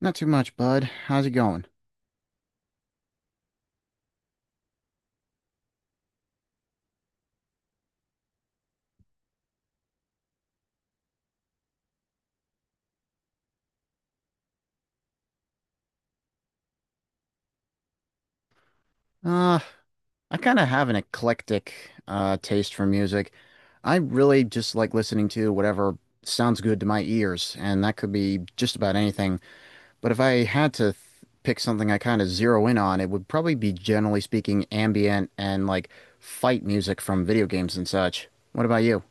Not too much, bud. How's it going? Uh, I kind of have an eclectic taste for music. I really just like listening to whatever sounds good to my ears, and that could be just about anything. But if I had to th pick something I kind of zero in on, it would probably be, generally speaking, ambient and like fight music from video games and such. What about you?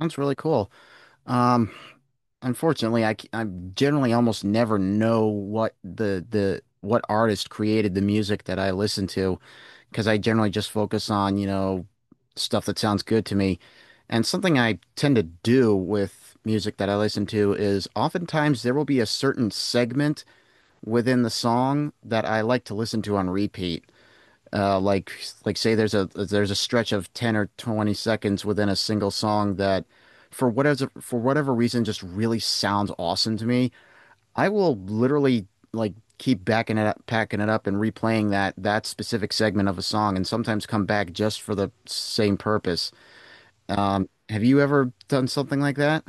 Sounds really cool. Um, Unfortunately, I generally almost never know what the what artist created the music that I listen to, because I generally just focus on, you know, stuff that sounds good to me. And something I tend to do with music that I listen to is oftentimes there will be a certain segment within the song that I like to listen to on repeat, like like say there's a stretch of 10 or 20 seconds within a single song that for whatever reason just really sounds awesome to me. I will literally, like, keep backing it up, packing it up, and replaying that specific segment of a song, and sometimes come back just for the same purpose. Um, have you ever done something like that?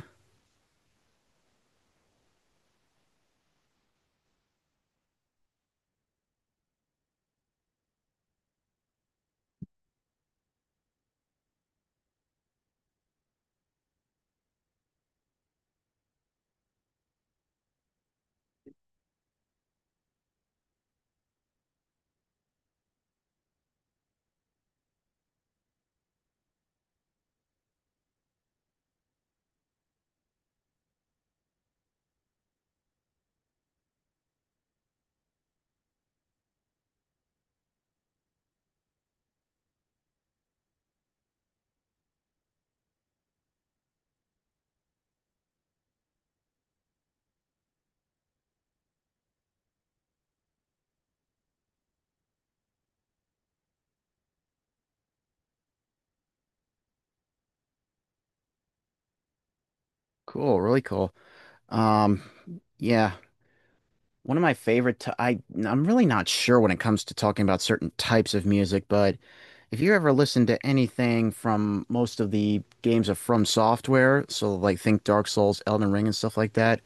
Cool. Really cool. Um, yeah. One of my favorite, t- I I'm really not sure when it comes to talking about certain types of music, but if you ever listen to anything from most of the games of From Software, so like think Dark Souls, Elden Ring, and stuff like that,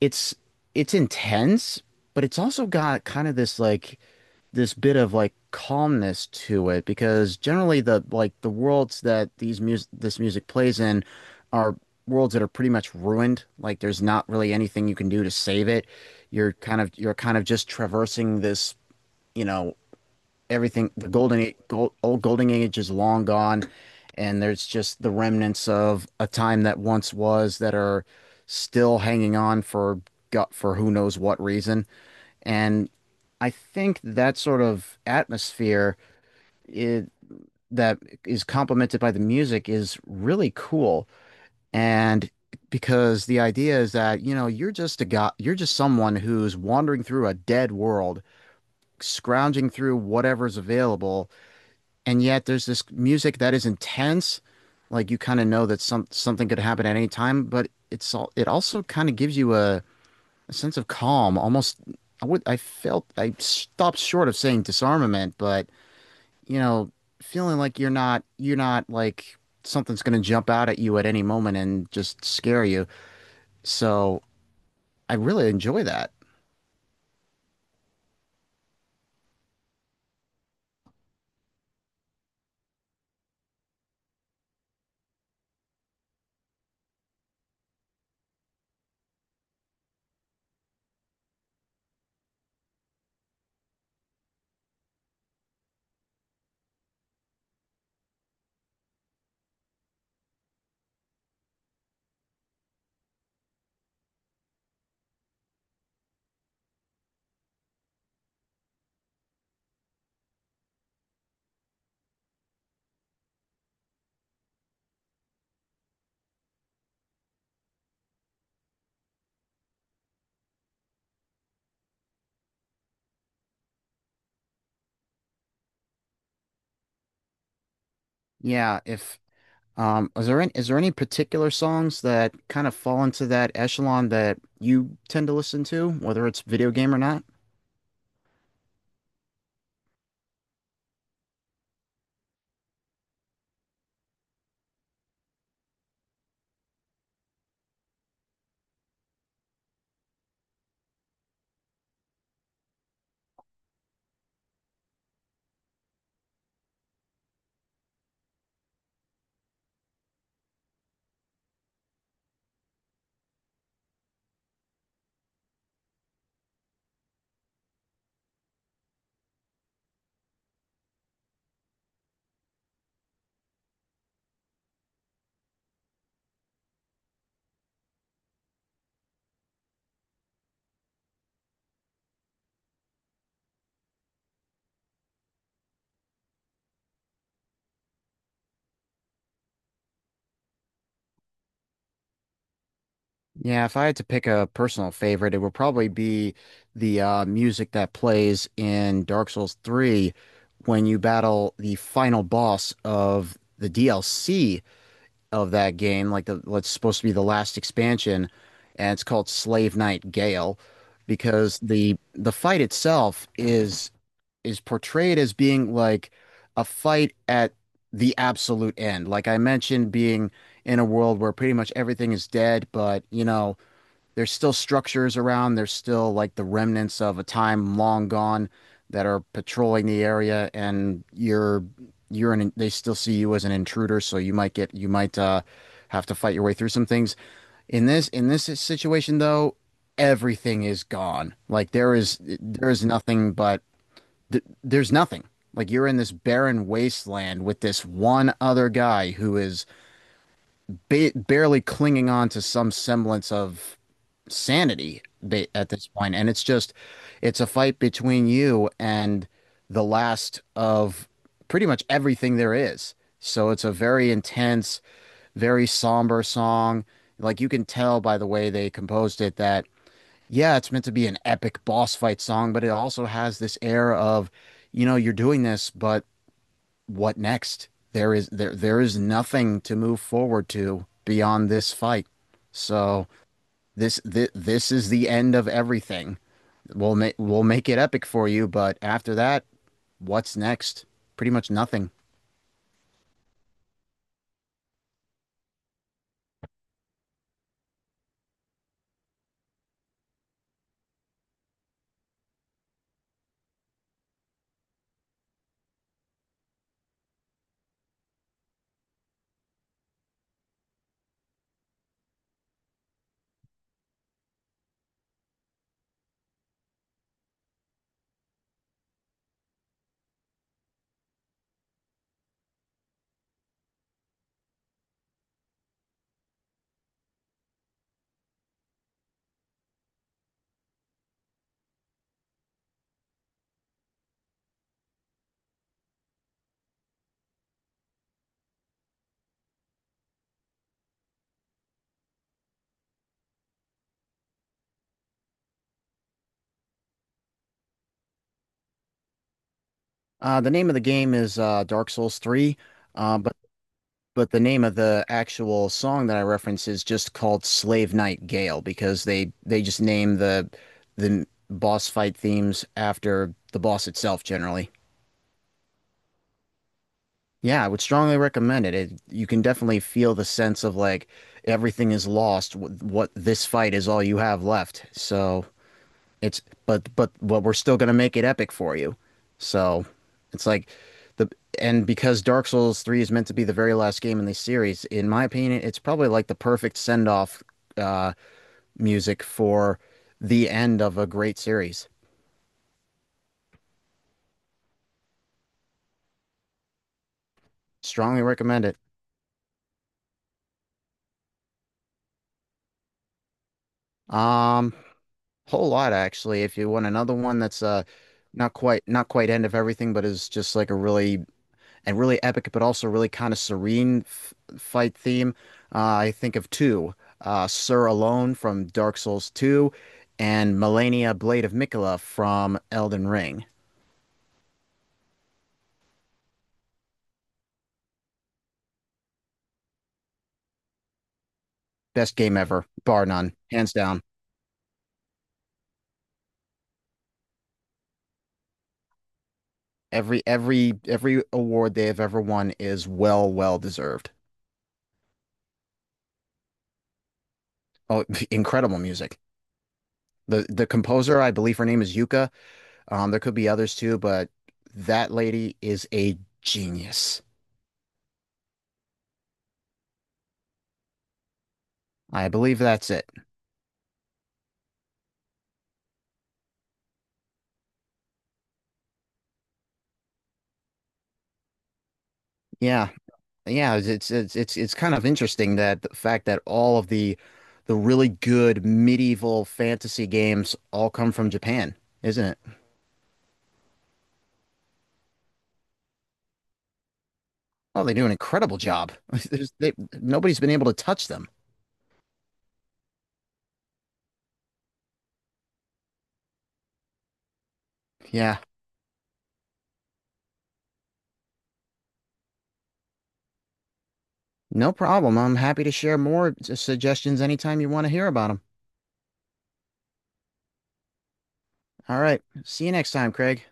it's it's intense, but it's also got kind of this, like, this bit of like calmness to it, because generally the worlds that these music this music plays in are worlds that are pretty much ruined. Like, there's not really anything you can do to save it. You're kind of just traversing this, you know, everything the golden age, gold, old golden age is long gone, and there's just the remnants of a time that once was that are still hanging on for gut for who knows what reason. And I think that sort of atmosphere, I that is complemented by the music, is really cool. And because the idea is that, you know, you're just a guy, you're just someone who's wandering through a dead world, scrounging through whatever's available, and yet there's this music that is intense. Like, you kind of know that something could happen at any time, but it's all, it also kind of gives you a sense of calm, almost. I would I felt I stopped short of saying disarmament, but, you know, feeling like you're not like something's going to jump out at you at any moment and just scare you. So, I really enjoy that. Yeah, if is there any, is there any particular songs that kind of fall into that echelon that you tend to listen to, whether it's video game or not? Yeah, if I had to pick a personal favorite, it would probably be the music that plays in Dark Souls 3 when you battle the final boss of the DLC of that game, like the what's supposed to be the last expansion, and it's called Slave Knight Gale, because the fight itself is portrayed as being like a fight at the absolute end. Like I mentioned, being in a world where pretty much everything is dead, but, you know, there's still structures around. There's still like the remnants of a time long gone that are patrolling the area, and you're an they still see you as an intruder, so you might have to fight your way through some things. In this situation though, everything is gone. Like, there is nothing but th there's nothing. Like, you're in this barren wasteland with this one other guy who is ba barely clinging on to some semblance of sanity at this point. And it's just, it's a fight between you and the last of pretty much everything there is. So it's a very intense, very somber song. Like, you can tell by the way they composed it that, yeah, it's meant to be an epic boss fight song, but it also has this air of, you know, you're doing this, but what next? There is nothing to move forward to beyond this fight. So this is the end of everything. We'll make it epic for you, but after that, what's next? Pretty much nothing. The name of the game is Dark Souls Three, but the name of the actual song that I reference is just called Slave Night Gale, because they just name the boss fight themes after the boss itself generally. Yeah, I would strongly recommend it. You can definitely feel the sense of like everything is lost. What this fight is all you have left. So it's, but we're still gonna make it epic for you. So it's like the, and because Dark Souls 3 is meant to be the very last game in the series, in my opinion, it's probably like the perfect send-off uh music for the end of a great series. Strongly recommend it. Um, whole lot actually. If you want another one that's not quite end of everything, but is just like a really, and really epic, but also really kind of serene f fight theme. I think of two: Sur Alone from Dark Souls 2, and Melania Blade of Mikula from Elden Ring. Best game ever, bar none, hands down. Every award they have ever won is well deserved. Oh, incredible music. The composer, I believe her name is Yuka. There could be others too, but that lady is a genius. I believe that's it. Yeah, yeah. It's, kind of interesting that the fact that all of the really good medieval fantasy games all come from Japan, isn't it? Oh, they do an incredible job. There's, they, nobody's been able to touch them. Yeah, no problem. I'm happy to share more suggestions anytime you want to hear about them. All right. See you next time, Craig.